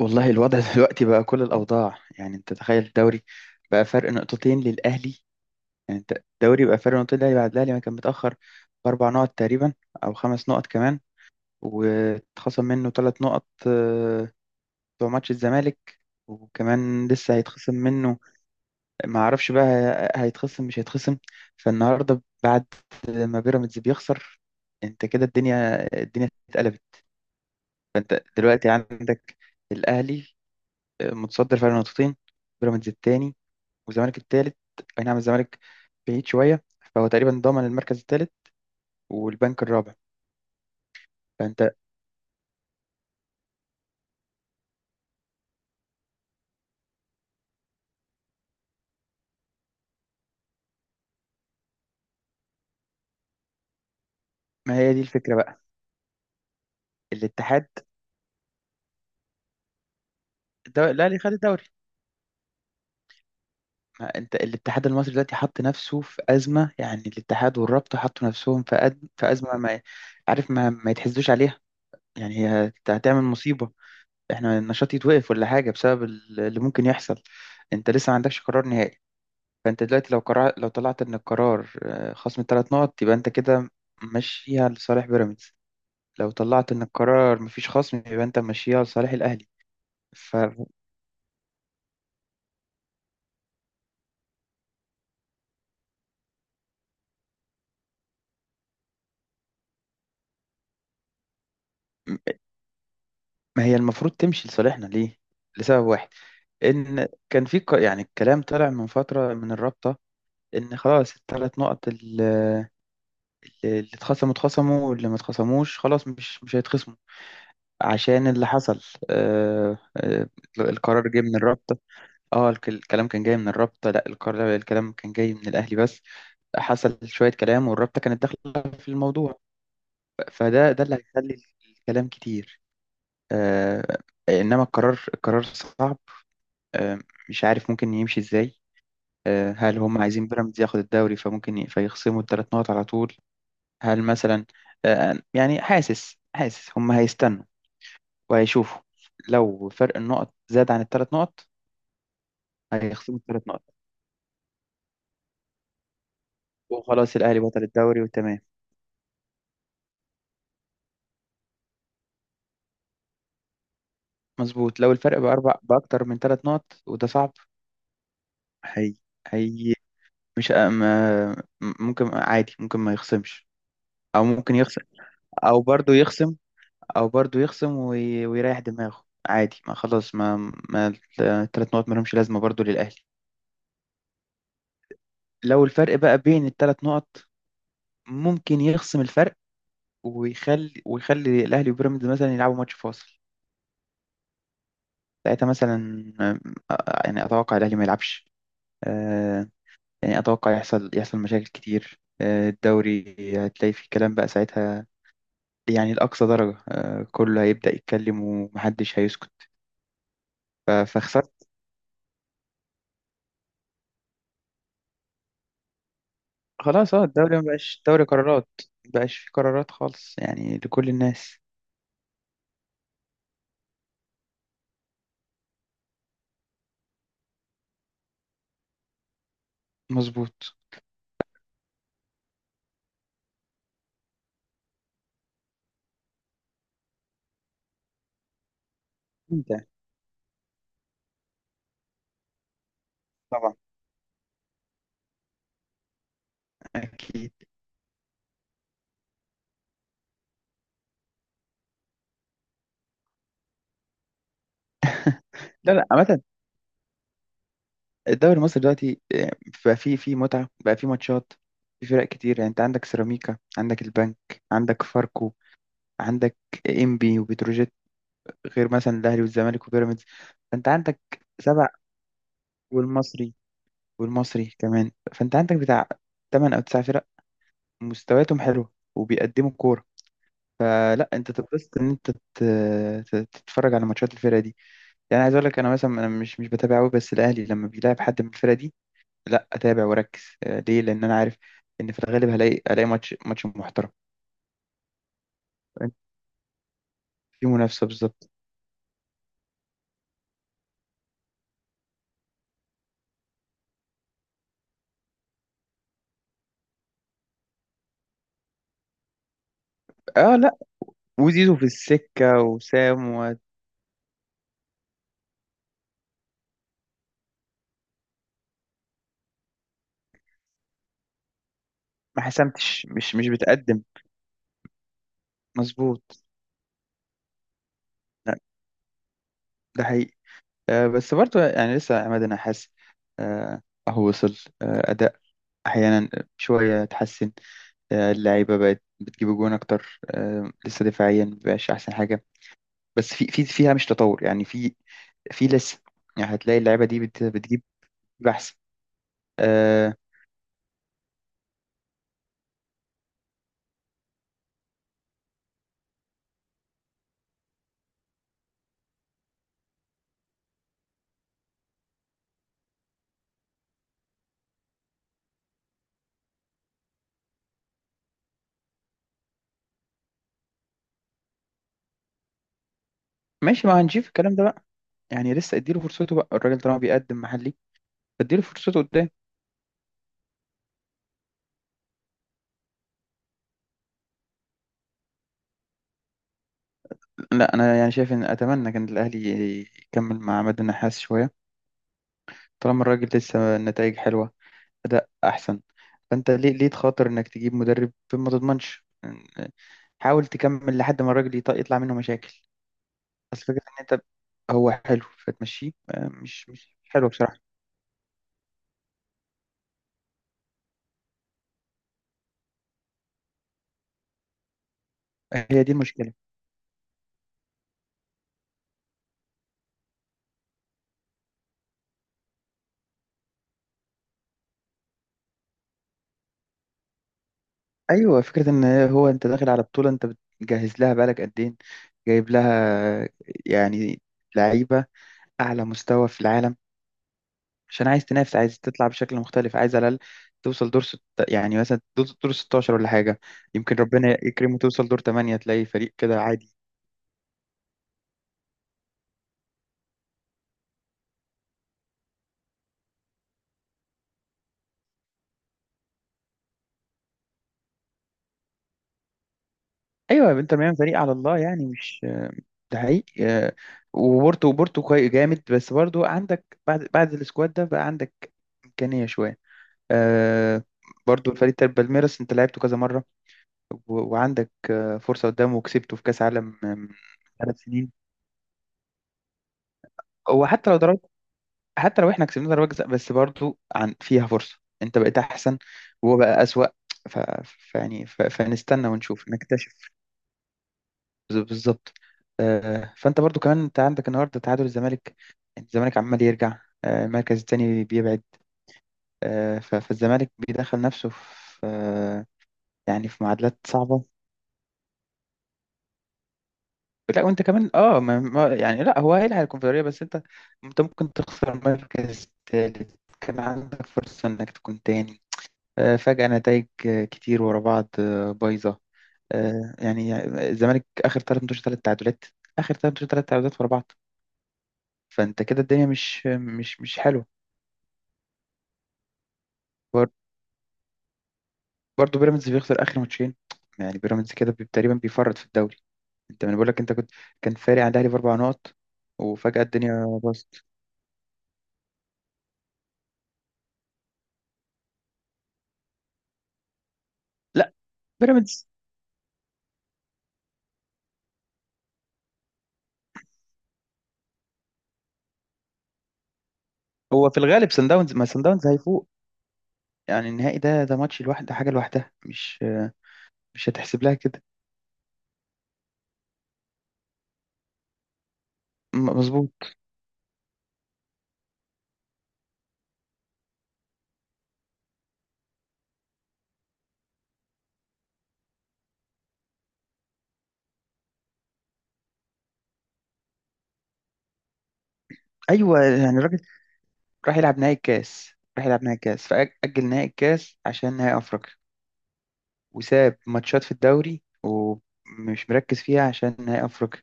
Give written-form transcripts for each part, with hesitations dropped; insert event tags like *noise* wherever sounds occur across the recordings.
والله الوضع *laughs* دلوقتي بقى كل الأوضاع، يعني أنت تخيل الدوري بقى فرق 2 نقطتين للأهلي. يعني أنت الدوري بقى فرق نقطتين للأهلي بعد الأهلي ما كان متأخر بـ4 نقط تقريبا أو 5 نقط كمان. واتخصم منه 3 نقط بتوع ماتش الزمالك، وكمان لسه هيتخصم منه. ما أعرفش بقى، هيتخصم مش هيتخصم. فالنهاردة بعد ما بيراميدز بيخسر، أنت كده الدنيا اتقلبت. فأنت دلوقتي عندك الأهلي متصدر فرق 2 نقطتين، بيراميدز التاني، والزمالك التالت. اي نعم، الزمالك بعيد شوية، فهو تقريبا ضامن المركز التالت والبنك الرابع. فانت، ما هي دي الفكرة بقى. الاتحاد، لا، اللي خد الدوري. ما انت الاتحاد المصري دلوقتي حط نفسه في أزمة، يعني الاتحاد والرابطة حطوا نفسهم في في أزمة ما عارف، ما يتحسدوش عليها. يعني هي هتعمل مصيبة. احنا النشاط يتوقف ولا حاجة بسبب اللي ممكن يحصل. انت لسه ما عندكش قرار نهائي. فانت دلوقتي لو قرار، لو طلعت ان القرار خصم ثلاث نقط، يبقى انت كده ماشيها لصالح بيراميدز. لو طلعت ان القرار مفيش خصم يبقى انت ماشيها لصالح الاهلي. فما، هي المفروض تمشي لصالحنا ليه؟ لسبب واحد، ان كان في يعني الكلام طلع من فترة من الرابطة ان خلاص الثلاث نقط اللي اتخصموا اتخصموا، واللي ما اتخصموش خلاص مش هيتخصموا. عشان اللي حصل آه، آه، القرار جه من الرابطة. اه الكلام كان جاي من الرابطة، لا الكلام كان جاي من الأهلي بس. حصل شوية كلام والرابطة كانت داخلة في الموضوع. فده اللي هيخلي الكلام كتير. آه، إنما القرار صعب. آه، مش عارف ممكن يمشي إزاي. آه، هل هم عايزين بيراميدز ياخد الدوري فممكن فيخصموا الثلاث نقط على طول؟ هل مثلا، يعني حاسس هم هيستنوا وهيشوفوا لو فرق النقط زاد عن الثلاث نقط، هيخصموا الثلاث نقط وخلاص الأهلي بطل الدوري وتمام. مظبوط. لو الفرق بأربع، بأكتر من 3 نقط، وده صعب. هي هي مش ما- ممكن عادي، ممكن ما يخصمش، أو ممكن يخصم، أو برضو يخصم، ويريح دماغه عادي، ما خلاص، ما الـ3 نقط مالهمش لازمة برضو للأهلي. لو الفرق بقى بين الثلاث نقط، ممكن يخصم الفرق ويخلي الأهلي وبيراميدز مثلا يلعبوا ماتش فاصل. ساعتها مثلا، يعني أتوقع الأهلي ما يلعبش. آه، يعني أتوقع يحصل مشاكل كتير. الدوري هتلاقي فيه كلام بقى ساعتها، يعني لأقصى درجة. كله هيبدأ يتكلم ومحدش هيسكت. فخسرت. خلاص، اه الدوري مبقاش دوري قرارات، مبقاش فيه قرارات خالص يعني لكل الناس. مظبوط. انت، طبعا، اكيد. لا لا، عامة الدوري المصري دلوقتي بقى فيه متعة بقى فيه ماتشات. في فرق كتير، يعني انت عندك سيراميكا، عندك البنك، عندك فاركو، عندك انبي وبتروجيت، غير مثلا الاهلي والزمالك وبيراميدز. فانت عندك سبع، والمصري، والمصري كمان، فانت عندك بتاع 8 او 9 فرق مستوياتهم حلوه وبيقدموا كوره. فلا، انت تبسط ان انت تتفرج على ماتشات الفرقه دي. يعني عايز اقول لك، انا مثلا انا مش بتابع قوي، بس الاهلي لما بيلعب حد من الفرقه دي، لا اتابع واركز. ليه؟ لان انا عارف ان في الغالب هلاقي ماتش محترم في منافسه بالظبط. اه لا، وزيزو في السكه، وسام، وما مش بتقدم، مظبوط. لا ده حقيقي. بس برضه يعني لسه عماد النحاس، آه، أهو وصل. أداء أحيانا شوية اتحسن. اللعيبة بقت بتجيب جوان أكتر. لسه دفاعيا مبقاش أحسن حاجة، بس في فيها مش تطور، يعني في، في لسه يعني هتلاقي اللعيبة دي بتجيب أحسن. آه، ماشي، ما هنشوف الكلام ده بقى، يعني لسه اديله فرصته بقى الراجل طالما بيقدم محلي، اديله فرصته قدام. لا انا يعني شايف ان اتمنى كان الاهلي يكمل مع عماد النحاس شويه، طالما الراجل لسه النتائج حلوه، أداء أحسن. فأنت ليه تخاطر إنك تجيب مدرب ما تضمنش؟ حاول تكمل لحد ما الراجل يطلع منه مشاكل. بس فكرة إن أنت هو حلو فتمشيه، مش حلو بصراحة. هي دي المشكلة. أيوة، فكرة إن هو أنت داخل على بطولة أنت بتجهز لها بقالك قد إيه، جايب لها آه، يعني لعيبة أعلى مستوى في العالم، عشان عايز تنافس، عايز تطلع بشكل مختلف، عايز على الأقل توصل دور ست، يعني مثلا دور 16 ولا حاجة. يمكن ربنا يكرمه توصل دور 8، تلاقي فريق كده عادي. أيوة انتر ميامي فريق على الله يعني، مش ده حقيقي. وبورتو، بورتو كويس جامد، بس برضو عندك بعد السكواد ده بقى عندك إمكانية شوية. آه، برضو الفريق بتاع بالميراس انت لعبته كذا مرة، وعندك فرصة قدامه، وكسبته في كأس عالم من 3 سنين. هو حتى لو ضربت، حتى لو احنا كسبنا ضربة جزاء بس برضو عن فيها فرصة. انت بقيت احسن وهو بقى اسوأ. ف... فنستنى ونشوف نكتشف. بالظبط. فانت برضو كمان انت عندك النهارده تعادل الزمالك، يعني الزمالك عمال يرجع. المركز التاني بيبعد. فالزمالك بيدخل نفسه في يعني في معادلات صعبة. لا وانت كمان اه ما... ما... يعني لا هو هيلعب الكونفدرالية بس انت، انت ممكن تخسر مركز تالت كان عندك فرصة انك تكون تاني. فجأة نتائج كتير ورا بعض بايظة. يعني الزمالك آخر 3 ماتشات 3 تعادلات، آخر 3 ماتشات 3 تعادلات ورا بعض. فأنت كده الدنيا مش حلوة. بر- برضه بيراميدز بيخسر آخر ماتشين، يعني بيراميدز كده تقريبا بيفرط في الدوري. أنت، ما أنا بقول لك، أنت كنت، كان فارق عن الأهلي بـ4 نقط وفجأة الدنيا باظت. لا بيراميدز، هو في الغالب سان داونز، ما سان داونز هيفوق يعني. النهائي ده ده ماتش لوحده، حاجة لوحدها، مش مش هتحسب لها كده. مظبوط. ايوه يعني الراجل راح يلعب نهائي الكاس، راح يلعب نهائي الكاس فأجل نهائي الكاس عشان نهائي أفريقيا، وساب ماتشات في الدوري ومش مركز فيها عشان نهائي أفريقيا.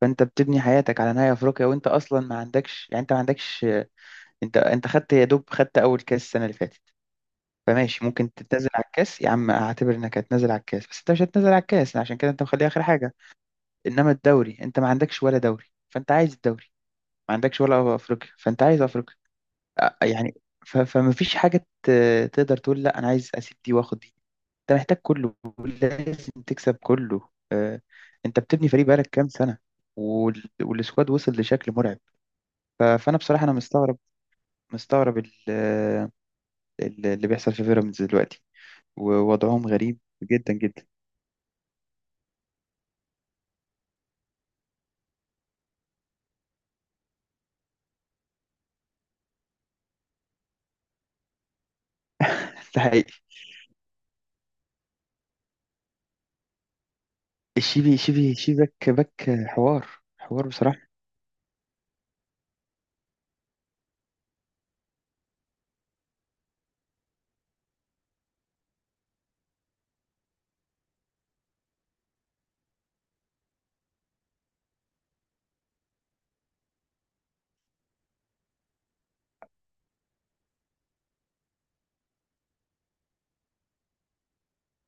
فأنت بتبني حياتك على نهائي أفريقيا، وأنت أصلا ما عندكش، يعني أنت ما عندكش، أنت خدت، يا دوب خدت أول كاس السنة اللي فاتت. فماشي، ممكن تتنازل على الكاس يا عم، اعتبر انك هتنازل على الكاس، بس انت مش هتنازل على الكاس عشان كده انت مخليه اخر حاجه. انما الدوري انت ما عندكش ولا دوري، فانت عايز الدوري، ما عندكش ولا افريقيا فانت عايز افريقيا. يعني فما فيش حاجة تقدر تقول لا أنا عايز أسيب دي وآخد دي. أنت محتاج كله، لازم تكسب كله. أنت بتبني فريق بقالك كام سنة، والسكواد وصل لشكل مرعب. فأنا بصراحة أنا مستغرب، مستغرب اللي بيحصل في بيراميدز دلوقتي، ووضعهم غريب جدا جدا. *laughs* ده حقيقي. الشيبي، شيبي باك، باك حوار. حوار بصراحة.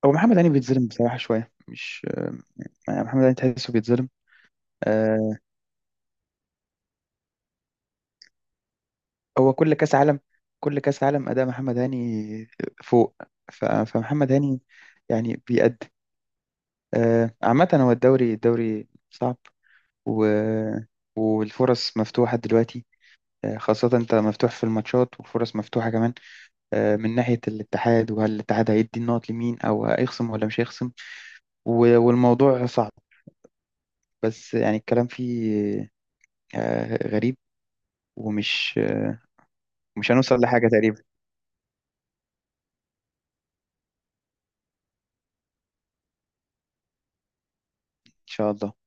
هو محمد هاني بيتظلم بصراحة شوية، مش، محمد هاني تحسه بيتظلم. آه، هو كل كاس عالم، كل كاس عالم اداء محمد هاني فوق. فمحمد هاني يعني بيأدي. عامة هو الدوري، الدوري صعب، و... والفرص مفتوحة دلوقتي. خاصة انت مفتوح في الماتشات وفرص مفتوحة كمان. من ناحية الاتحاد، وهل الاتحاد هيدي النقط لمين او هيخصم ولا مش هيخصم، والموضوع صعب. بس يعني الكلام فيه غريب ومش، مش هنوصل لحاجة تقريبا. ان شاء الله.